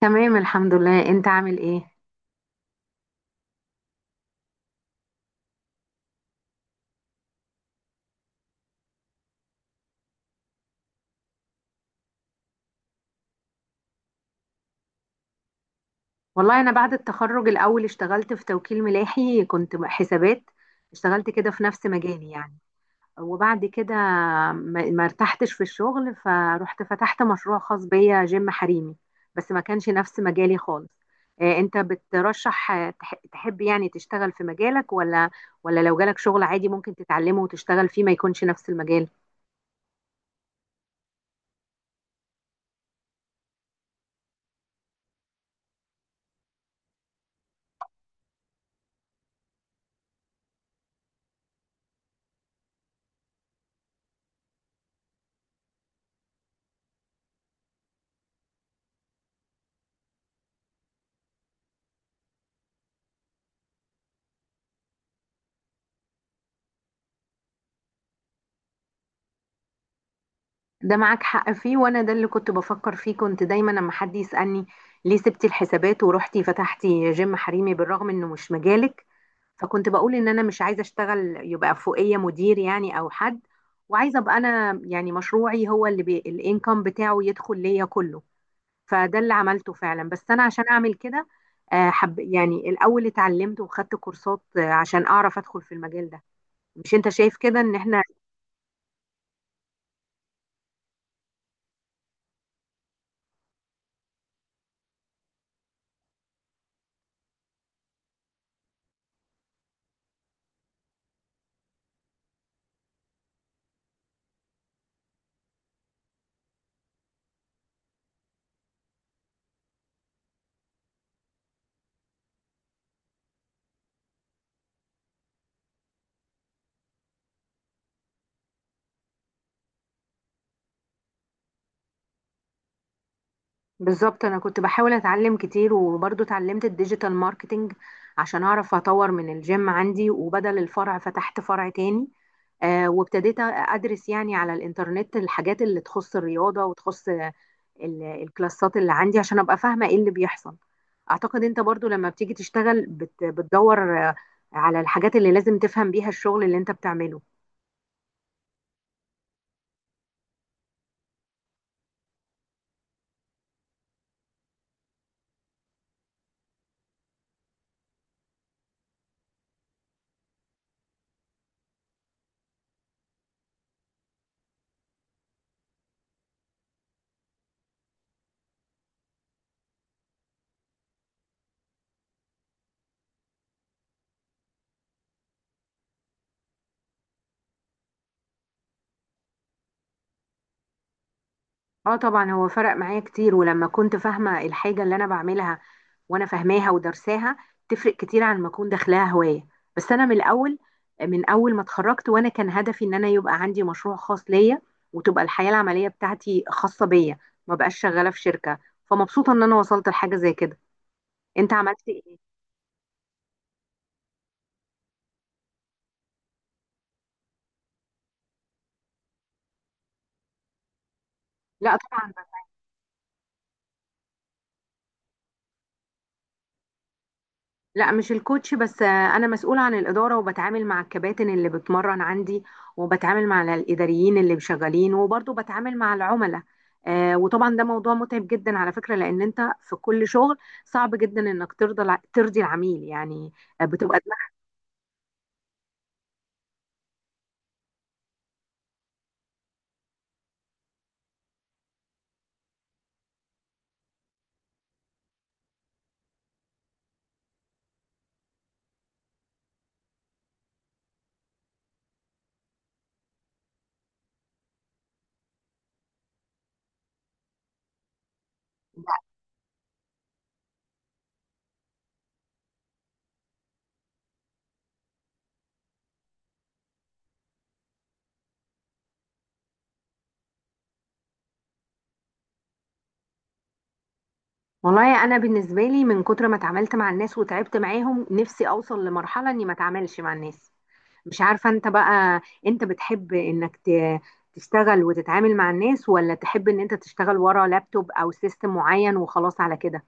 تمام الحمد لله، انت عامل ايه؟ والله انا بعد التخرج الاول اشتغلت في توكيل ملاحي، كنت حسابات. اشتغلت كده في نفس مجالي يعني. وبعد كده ما ارتحتش في الشغل، فروحت فتحت مشروع خاص بيا، جيم حريمي. بس ما كانش نفس مجالي خالص. اه، انت بترشح تحب يعني تشتغل في مجالك، ولا لو جالك شغل عادي ممكن تتعلمه وتشتغل فيه ما يكونش نفس المجال؟ ده معاك حق فيه، وانا ده اللي كنت بفكر فيه. كنت دايما لما حد يسألني ليه سبتي الحسابات ورحتي فتحتي جيم حريمي بالرغم انه مش مجالك، فكنت بقول ان انا مش عايزه اشتغل يبقى فوقيه مدير يعني او حد، وعايزه ابقى انا يعني مشروعي هو اللي الانكم بتاعه يدخل ليا كله. فده اللي عملته فعلا. بس انا عشان اعمل كده آه، حب يعني الاول اتعلمت وخدت كورسات عشان اعرف ادخل في المجال ده. مش انت شايف كده ان احنا؟ بالظبط، انا كنت بحاول اتعلم كتير وبرضه اتعلمت الديجيتال ماركتينج عشان اعرف اطور من الجيم عندي، وبدل الفرع فتحت فرع تاني. آه، وابتديت ادرس يعني على الانترنت الحاجات اللي تخص الرياضة وتخص الكلاسات اللي عندي عشان ابقى فاهمة ايه اللي بيحصل. اعتقد انت برضه لما بتيجي تشتغل بتدور على الحاجات اللي لازم تفهم بيها الشغل اللي انت بتعمله. اه طبعا، هو فرق معايا كتير. ولما كنت فاهمة الحاجة اللي انا بعملها وانا فاهماها ودرساها، تفرق كتير عن ما اكون داخلاها هواية. بس انا من الاول، من اول ما اتخرجت وانا كان هدفي ان انا يبقى عندي مشروع خاص ليا، وتبقى الحياة العملية بتاعتي خاصة بيا، ما بقاش شغالة في شركة. فمبسوطة ان انا وصلت لحاجة زي كده. انت عملت ايه؟ لا طبعا، لا مش الكوتش بس. انا مسؤولة عن الإدارة، وبتعامل مع الكباتن اللي بتمرن عندي، وبتعامل مع الإداريين اللي شغالين، وبرضه بتعامل مع العملاء. وطبعا ده موضوع متعب جدا على فكرة، لأن أنت في كل شغل صعب جدا إنك ترضي العميل يعني. بتبقى دماغك. والله أنا بالنسبة لي من كتر ما اتعاملت مع الناس وتعبت معاهم، نفسي أوصل لمرحلة إني ما اتعاملش مع الناس. مش عارفة انت بقى، انت بتحب انك تشتغل وتتعامل مع الناس، ولا تحب ان انت تشتغل ورا لابتوب او سيستم معين وخلاص على كده؟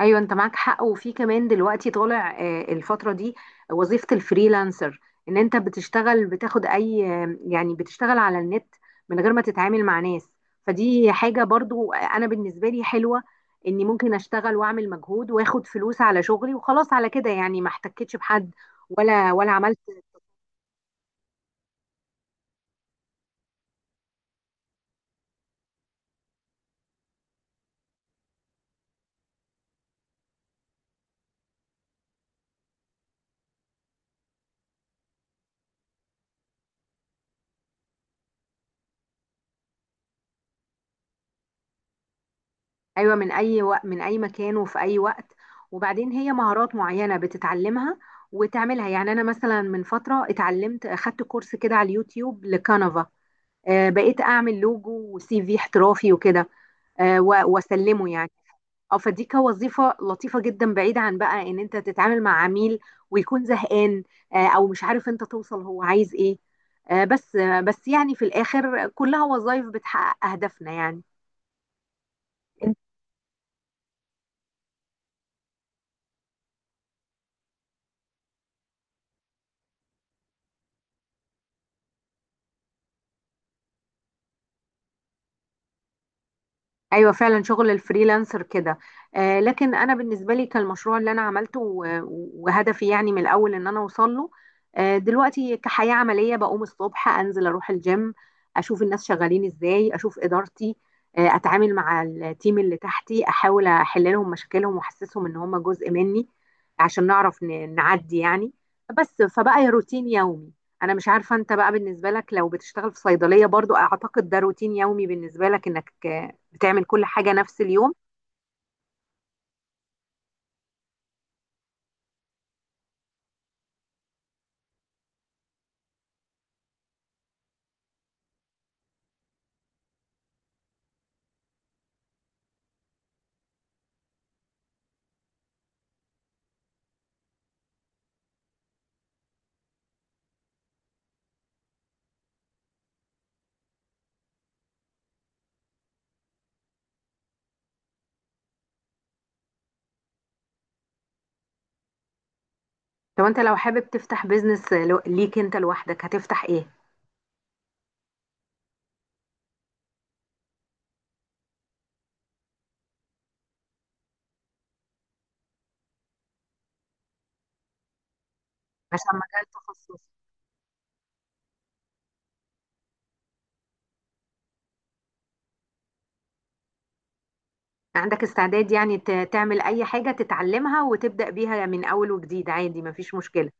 ايوه، انت معاك حق. وفي كمان دلوقتي طالع الفترة دي وظيفة الفريلانسر، ان انت بتشتغل بتاخد اي يعني بتشتغل على النت من غير ما تتعامل مع ناس. فدي حاجة برضو انا بالنسبة لي حلوة، اني ممكن اشتغل واعمل مجهود واخد فلوس على شغلي وخلاص على كده، يعني ما احتكتش بحد ولا عملت. ايوه، من اي وقت، من اي مكان، وفي اي وقت. وبعدين هي مهارات معينه بتتعلمها وتعملها يعني. انا مثلا من فتره اتعلمت، اخدت كورس كده على اليوتيوب لكانفا. آه، بقيت اعمل لوجو وسي في احترافي وكده، واسلمه يعني. اه، فدي كوظيفه لطيفه جدا، بعيده عن بقى ان انت تتعامل مع عميل ويكون زهقان، او مش عارف انت توصل هو عايز ايه. بس يعني في الاخر كلها وظائف بتحقق اهدافنا يعني. ايوه فعلا، شغل الفريلانسر كده. آه، لكن انا بالنسبه لي كالمشروع اللي انا عملته وهدفي يعني من الاول ان انا اوصل له. آه دلوقتي كحياه عمليه، بقوم الصبح انزل اروح الجيم، اشوف الناس شغالين ازاي، اشوف ادارتي، آه اتعامل مع التيم اللي تحتي، احاول احل لهم مشاكلهم واحسسهم ان هم جزء مني عشان نعرف نعدي يعني. بس فبقى يا روتين يومي. انا مش عارفه انت بقى بالنسبه لك لو بتشتغل في صيدليه برضو، اعتقد ده روتين يومي بالنسبه لك، انك بتعمل كل حاجة نفس اليوم. طب انت لو حابب تفتح بيزنس ليك انت لوحدك، هتفتح ايه؟ عشان مجال تخصصي. عندك استعداد يعني تعمل اي حاجة تتعلمها وتبدأ بيها من اول وجديد عادي، مفيش مشكلة؟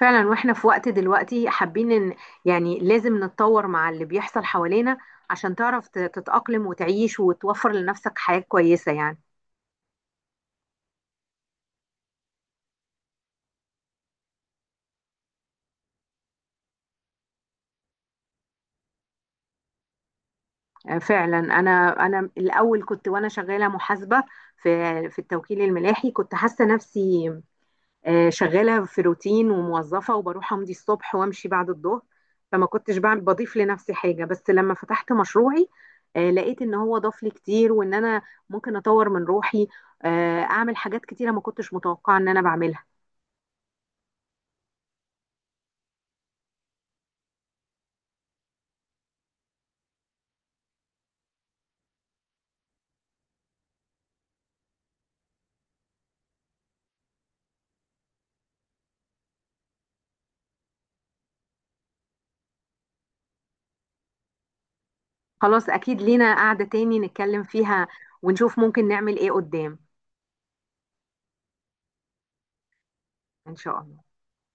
فعلا، واحنا في وقت دلوقتي حابين ان يعني لازم نتطور مع اللي بيحصل حوالينا عشان تعرف تتأقلم وتعيش وتوفر لنفسك حياة كويسة يعني. آه فعلا، انا الاول كنت وانا شغالة محاسبة في التوكيل الملاحي، كنت حاسة نفسي شغالة في روتين وموظفة، وبروح أمضي الصبح وأمشي بعد الظهر، فما كنتش بعمل بضيف لنفسي حاجة. بس لما فتحت مشروعي، لقيت إن هو ضاف لي كتير، وإن أنا ممكن أطور من روحي، أعمل حاجات كتيرة ما كنتش متوقعة إن أنا بعملها. خلاص أكيد لينا قعدة تاني نتكلم فيها، ونشوف ممكن نعمل إيه قدام. إن شاء الله.